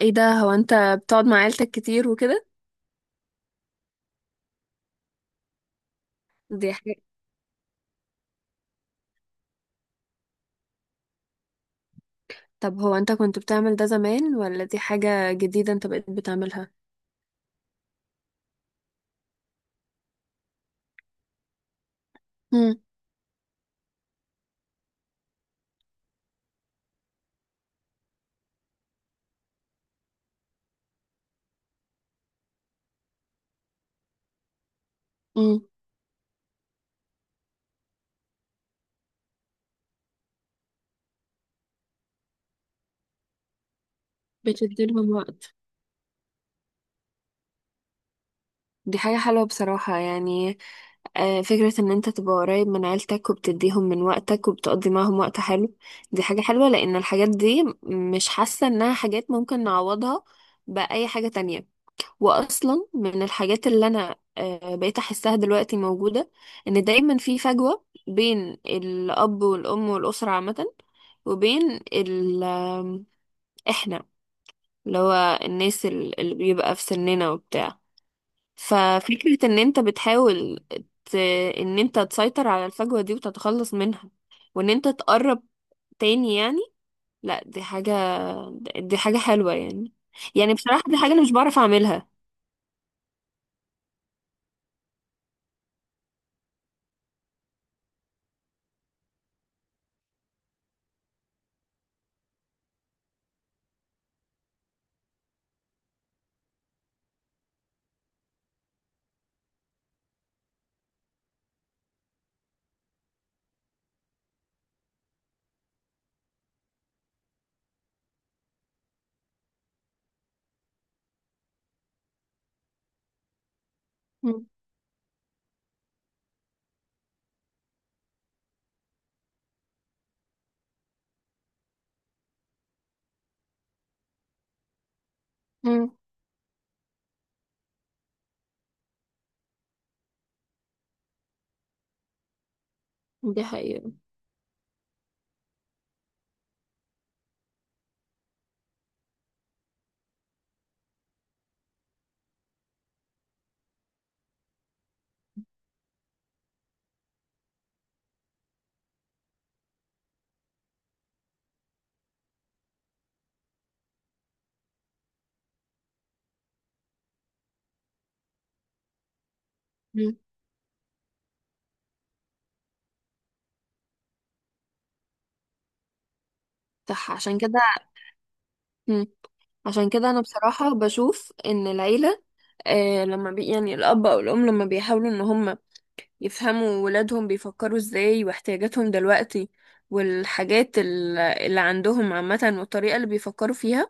ايه ده؟ هو انت بتقعد مع عيلتك كتير وكده؟ دي حاجة. طب هو انت كنت بتعمل ده زمان ولا دي حاجة جديدة انت بقيت بتعملها؟ امم، امم. بتدي لهم وقت. دي حاجة حلوة بصراحة يعني. فكرة ان انت تبقى قريب من عيلتك وبتديهم من وقتك وبتقضي معاهم وقت حلو. دي حاجة حلوة لان الحاجات دي مش حاسة انها حاجات ممكن نعوضها بأي حاجة تانية. واصلا من الحاجات اللي انا بقيت احسها دلوقتي موجودة ان دايما في فجوة بين الاب والام والاسرة عامة، وبين ال آم، احنا، اللي هو الناس اللي بيبقى في سننا وبتاع. ففكرة ان انت بتحاول ت... ان انت تسيطر على الفجوة دي وتتخلص منها وان انت تقرب تاني يعني. لا، دي حاجة، دي حاجة حلوة يعني. يعني بصراحة دي حاجة انا مش بعرف اعملها. مم. مم. دي حقيقة. مم. صح، عشان كده. مم. عشان كده انا بصراحة بشوف ان العيلة لما بي يعني الاب او الام لما بيحاولوا ان هم يفهموا ولادهم بيفكروا ازاي واحتياجاتهم دلوقتي، والحاجات اللي عندهم عامة، والطريقة اللي بيفكروا فيها،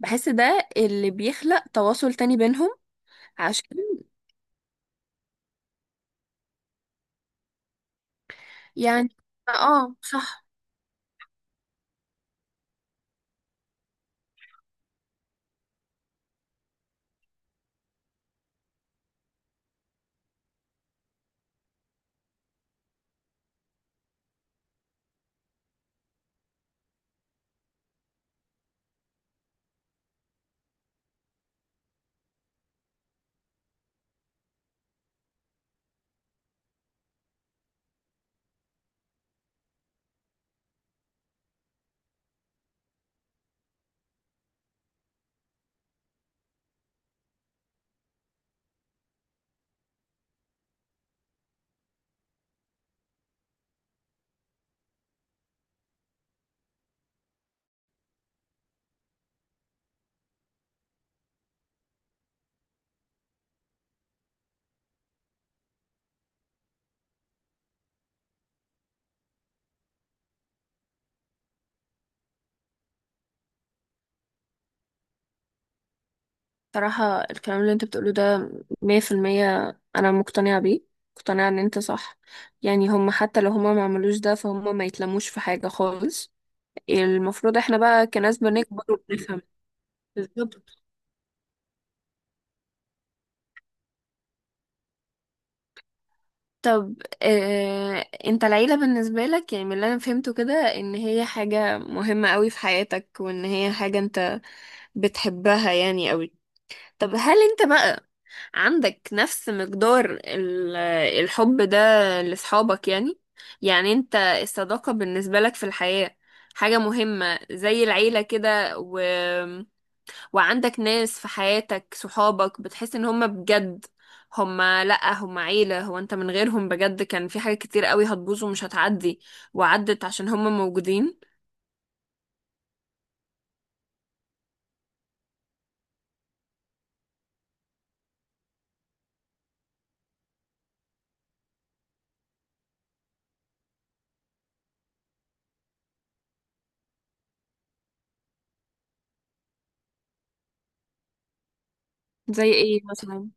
بحس ده اللي بيخلق تواصل تاني بينهم. عشان يعني، اه صح. صراحة الكلام اللي انت بتقوله ده 100%، أنا مقتنعة بيه، مقتنعة إن انت صح. يعني هم حتى لو هم ما عملوش ده فهم ما يتلموش في حاجة خالص. المفروض احنا بقى كناس بنكبر وبنفهم. بالظبط. طب، اه، انت العيلة بالنسبة لك، يعني من اللي أنا فهمته كده، إن هي حاجة مهمة قوي في حياتك وإن هي حاجة انت بتحبها يعني قوي. طب هل انت بقى عندك نفس مقدار الحب ده لأصحابك يعني؟ يعني انت الصداقة بالنسبة لك في الحياة حاجة مهمة زي العيلة كده، و... وعندك ناس في حياتك، صحابك، بتحس ان هم بجد هم، لأ، هم عيلة، هو انت من غيرهم بجد كان في حاجة كتير قوي هتبوظ ومش هتعدي، وعدت عشان هم موجودين؟ زي ايه مثلا؟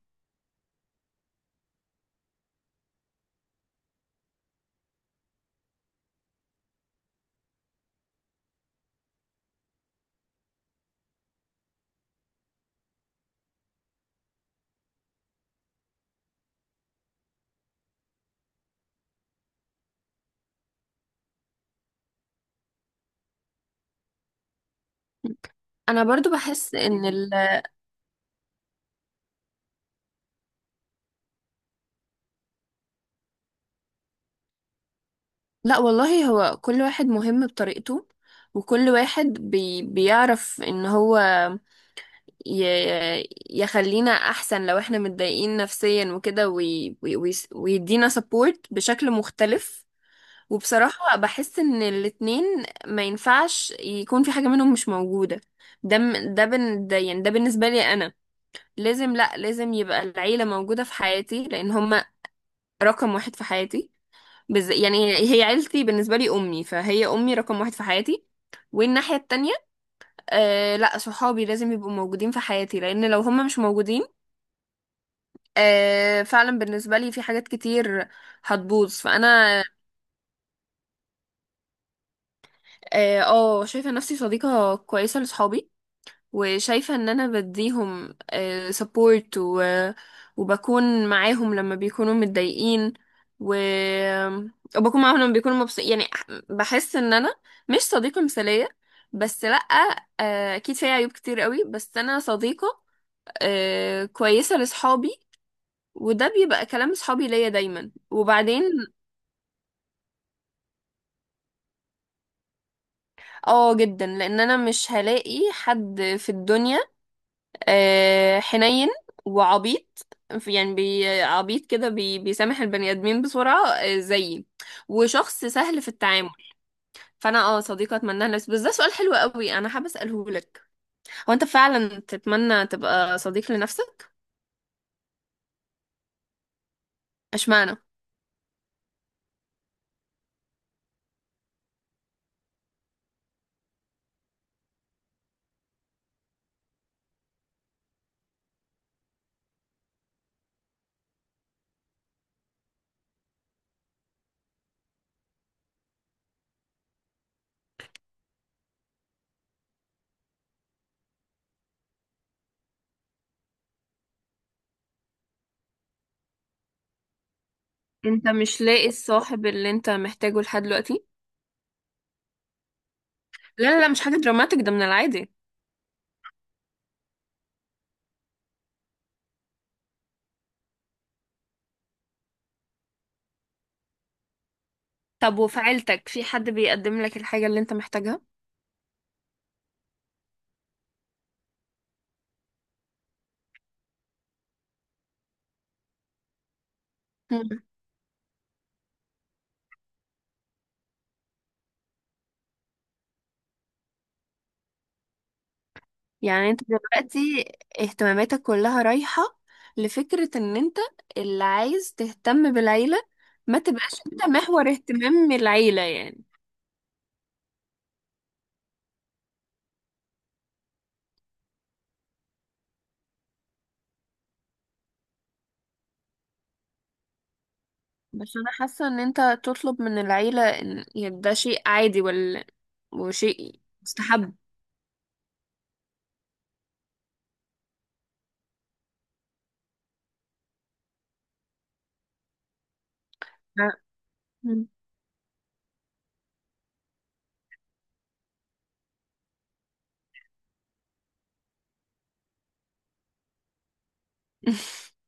انا برضو بحس ان لا والله، هو كل واحد مهم بطريقته، وكل واحد بيعرف ان هو ي يخلينا احسن لو احنا متضايقين نفسيا وكده، وي وي وي ويدينا سبورت بشكل مختلف. وبصراحة بحس ان الاتنين ما ينفعش يكون في حاجة منهم مش موجودة. ده، يعني ده بالنسبة لي انا لازم، لا، لازم يبقى العيلة موجودة في حياتي لان هما رقم واحد في حياتي. يعني هي عيلتي بالنسبة لي أمي، فهي أمي رقم واحد في حياتي. والناحية التانية، آه لا، صحابي لازم يبقوا موجودين في حياتي، لأن لو هم مش موجودين آه، فعلا بالنسبة لي في حاجات كتير هتبوظ. فأنا، اه، شايفة نفسي صديقة كويسة لصحابي، وشايفة ان انا بديهم سبورت و... وبكون معاهم لما بيكونوا متضايقين، و... وبكون معاهم لما بيكونوا مبسوطين يعني. بحس ان انا مش صديقة مثالية بس، لأ، اكيد فيها عيوب كتير قوي، بس انا صديقة كويسة لصحابي، وده بيبقى كلام صحابي ليا دايما. وبعدين اه، جدا، لان انا مش هلاقي حد في الدنيا حنين وعبيط. يعني عبيط كده، بيسامح البني ادمين بسرعه زيي، وشخص سهل في التعامل. فانا اه صديقه اتمناها لنفسي، بس ده سؤال حلو قوي انا حابه اساله لك. هو انت فعلا تتمنى تبقى صديق لنفسك؟ اشمعنى؟ انت مش لاقي الصاحب اللي انت محتاجه لحد دلوقتي؟ لا لا لا، مش حاجه دراماتيك، ده من العادي. طب وفي عيلتك في حد بيقدم لك الحاجه اللي انت محتاجها؟ يعني انت دلوقتي اهتماماتك كلها رايحة لفكرة ان انت اللي عايز تهتم بالعيلة. ما تبقاش انت محور اهتمام العيلة يعني. بس انا حاسة ان انت تطلب من العيلة، ان يعني ده شيء عادي ولا وشيء مستحب؟ لا. مم.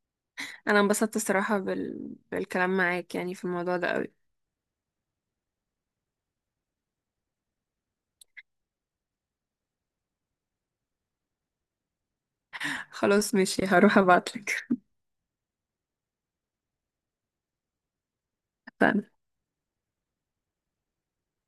انا انبسطت الصراحة بالكلام معاك يعني في الموضوع ده قوي. خلاص ماشي، هروح ابعتلك. اتفقنا.